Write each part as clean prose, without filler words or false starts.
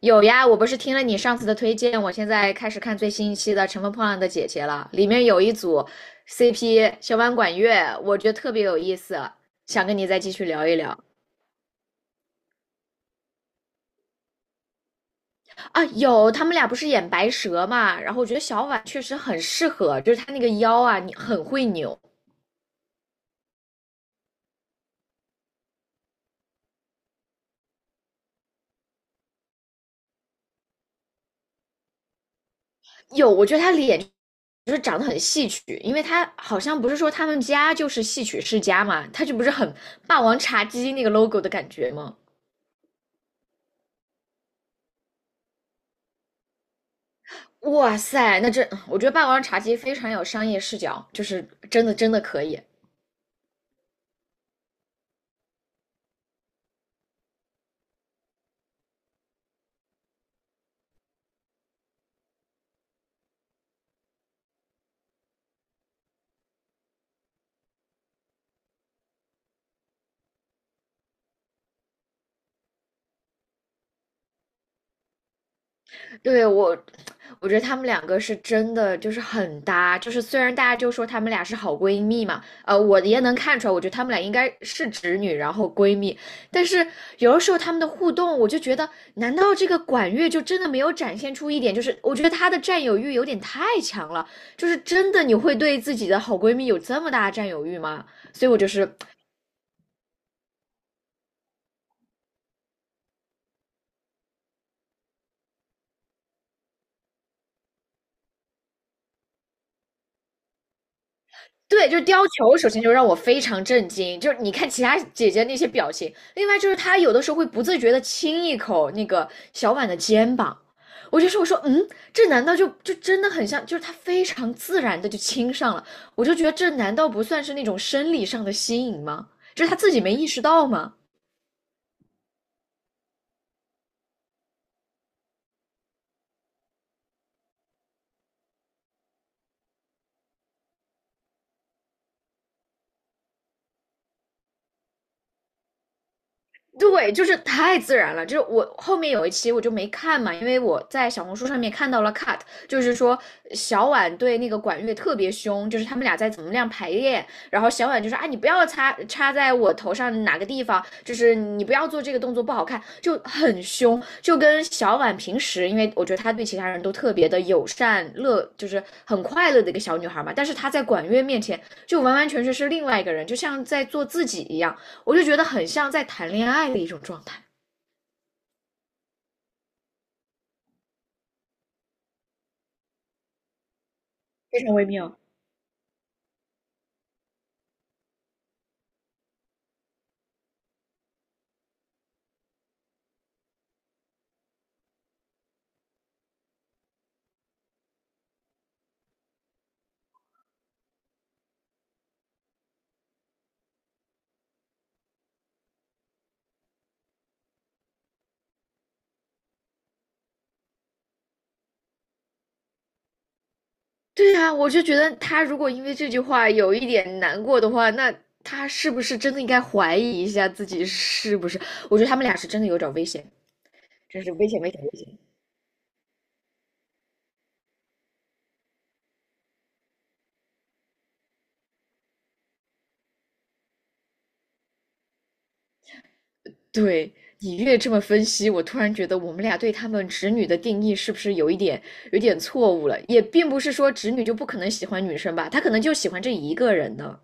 有呀，我不是听了你上次的推荐，我现在开始看最新一期的《乘风破浪的姐姐》了，里面有一组 CP 小婉管乐，我觉得特别有意思，想跟你再继续聊一聊啊。有，他们俩不是演白蛇嘛，然后我觉得小婉确实很适合，就是她那个腰啊，你很会扭。有，我觉得她脸就是长得很戏曲，因为她好像不是说他们家就是戏曲世家嘛，她就不是很霸王茶姬那个 logo 的感觉吗？哇塞，那这我觉得霸王茶姬非常有商业视角，就是真的真的可以。对，我觉得他们两个是真的就是很搭，就是虽然大家就说他们俩是好闺蜜嘛，我也能看出来，我觉得他们俩应该是直女，然后闺蜜，但是有的时候他们的互动，我就觉得，难道这个管乐就真的没有展现出一点，就是我觉得她的占有欲有点太强了，就是真的你会对自己的好闺蜜有这么大的占有欲吗？所以我就是对，就是貂裘，首先就让我非常震惊。就是你看其他姐姐那些表情，另外就是她有的时候会不自觉的亲一口那个小婉的肩膀，我说这难道就真的很像？就是她非常自然的就亲上了，我就觉得这难道不算是那种生理上的吸引吗？就是她自己没意识到吗？对，就是太自然了。就是我后面有一期我就没看嘛，因为我在小红书上面看到了 cut，就是说小婉对那个管乐特别凶，就是他们俩在怎么样排练，然后小婉就说啊，你不要插在我头上哪个地方，就是你不要做这个动作不好看，就很凶，就跟小婉平时，因为我觉得她对其他人都特别的友善乐，就是很快乐的一个小女孩嘛，但是她在管乐面前就完完全全是另外一个人，就像在做自己一样。我就觉得很像在谈恋爱的一种状态。非常微妙。对啊，我就觉得他如果因为这句话有一点难过的话，那他是不是真的应该怀疑一下自己是不是？我觉得他们俩是真的有点危险，真是危险，危险，危险。对你越这么分析，我突然觉得我们俩对他们直女的定义是不是有一点有点错误了？也并不是说直女就不可能喜欢女生吧，她可能就喜欢这一个人呢。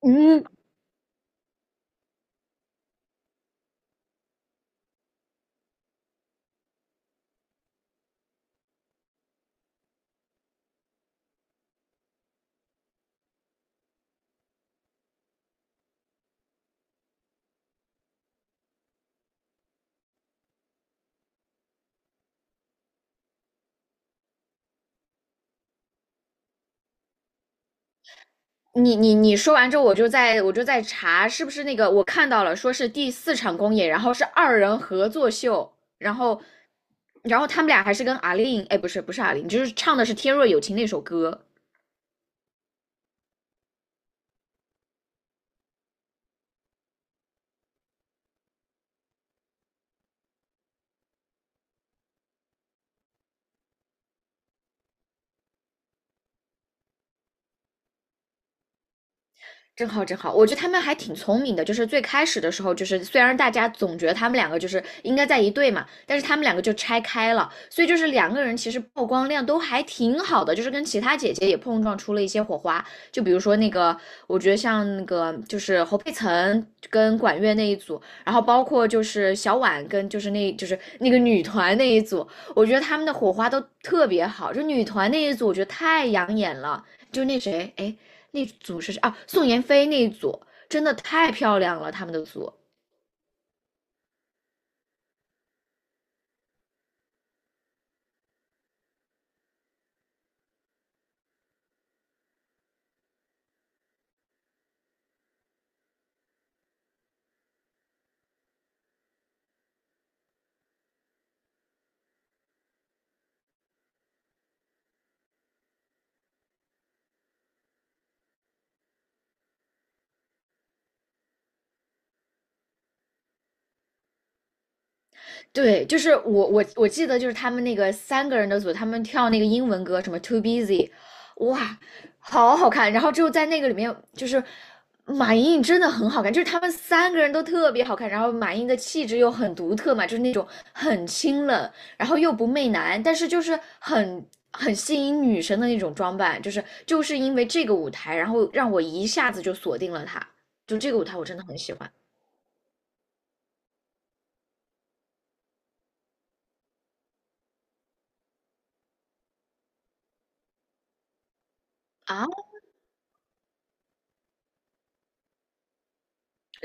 嗯，你说完之后，我就在查是不是那个我看到了，说是第四场公演，然后是二人合作秀，然后然后他们俩还是跟阿令，哎，不是不是阿令，就是唱的是《天若有情》那首歌。真好，真好！我觉得他们还挺聪明的，就是最开始的时候，就是虽然大家总觉得他们两个就是应该在一队嘛，但是他们两个就拆开了，所以就是两个人其实曝光量都还挺好的，就是跟其他姐姐也碰撞出了一些火花。就比如说那个，我觉得像那个就是侯佩岑跟管乐那一组，然后包括就是小婉跟就是那个女团那一组，我觉得他们的火花都特别好。就女团那一组，我觉得太养眼了。就那谁，哎，那组是啊，宋妍霏那一组真的太漂亮了，他们的组对，就是我记得就是他们那个三个人的组，他们跳那个英文歌，什么 Too Busy，哇，好好看。然后之后在那个里面，就是马莹莹真的很好看，就是他们三个人都特别好看。然后马莹莹的气质又很独特嘛，就是那种很清冷，然后又不媚男，但是就是很吸引女生的那种装扮。就是因为这个舞台，然后让我一下子就锁定了她，就这个舞台我真的很喜欢啊。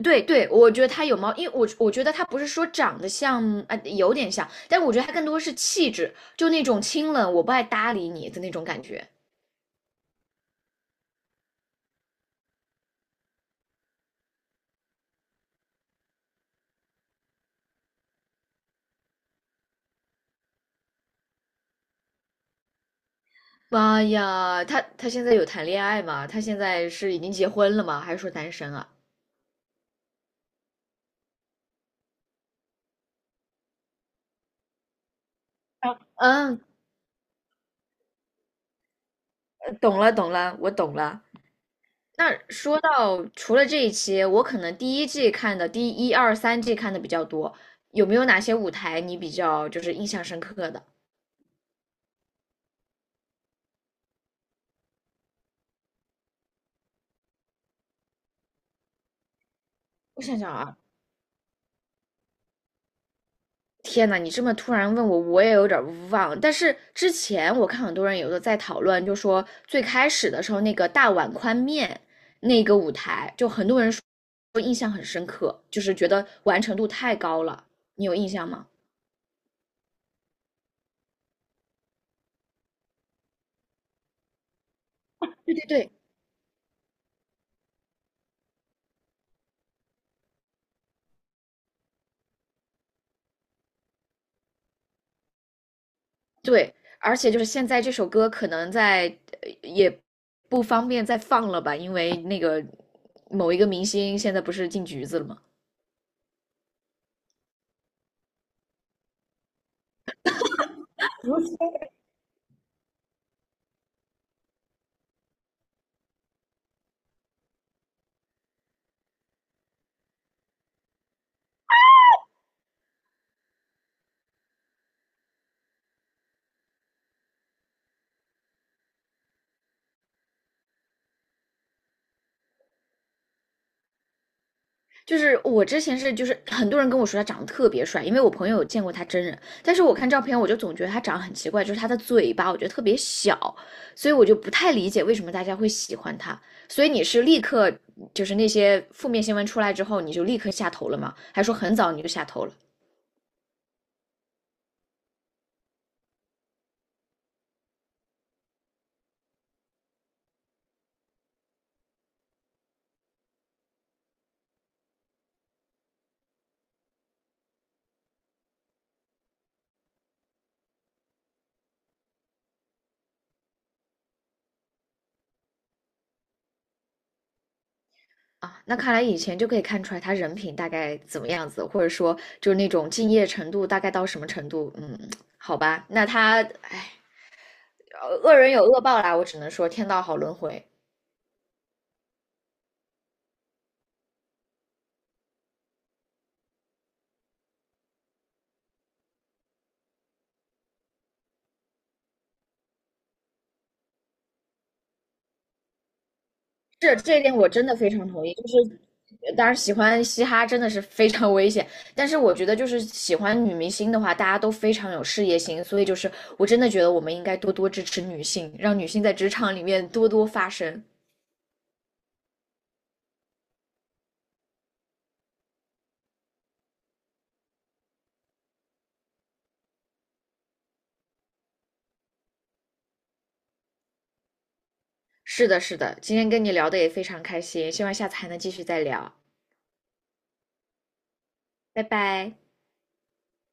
对对，我觉得他有猫，因为我觉得他不是说长得像，啊、有点像，但我觉得他更多是气质，就那种清冷，我不爱搭理你的那种感觉。妈呀，他现在有谈恋爱吗？他现在是已经结婚了吗？还是说单身啊？啊，嗯，懂了懂了，我懂了。那说到除了这一期，我可能第一季看的，第一二三季看的比较多，有没有哪些舞台你比较就是印象深刻的？我想想啊，天呐，你这么突然问我，我也有点儿忘。但是之前我看很多人有的在讨论，就说最开始的时候那个大碗宽面那个舞台，就很多人说印象很深刻，就是觉得完成度太高了。你有印象吗？对对对，对，而且就是现在这首歌可能在也不方便再放了吧，因为那个某一个明星现在不是进局子了吗？就是我之前是，就是很多人跟我说他长得特别帅，因为我朋友有见过他真人，但是我看照片我就总觉得他长得很奇怪，就是他的嘴巴我觉得特别小，所以我就不太理解为什么大家会喜欢他。所以你是立刻就是那些负面新闻出来之后，你就立刻下头了吗？还说很早你就下头了啊？那看来以前就可以看出来他人品大概怎么样子，或者说就是那种敬业程度大概到什么程度？嗯，好吧，那他，哎，恶人有恶报啦，我只能说天道好轮回。是这一点我真的非常同意，就是当然喜欢嘻哈真的是非常危险，但是我觉得就是喜欢女明星的话，大家都非常有事业心，所以就是我真的觉得我们应该多多支持女性，让女性在职场里面多多发声。是的，是的，今天跟你聊的也非常开心，希望下次还能继续再聊，拜拜。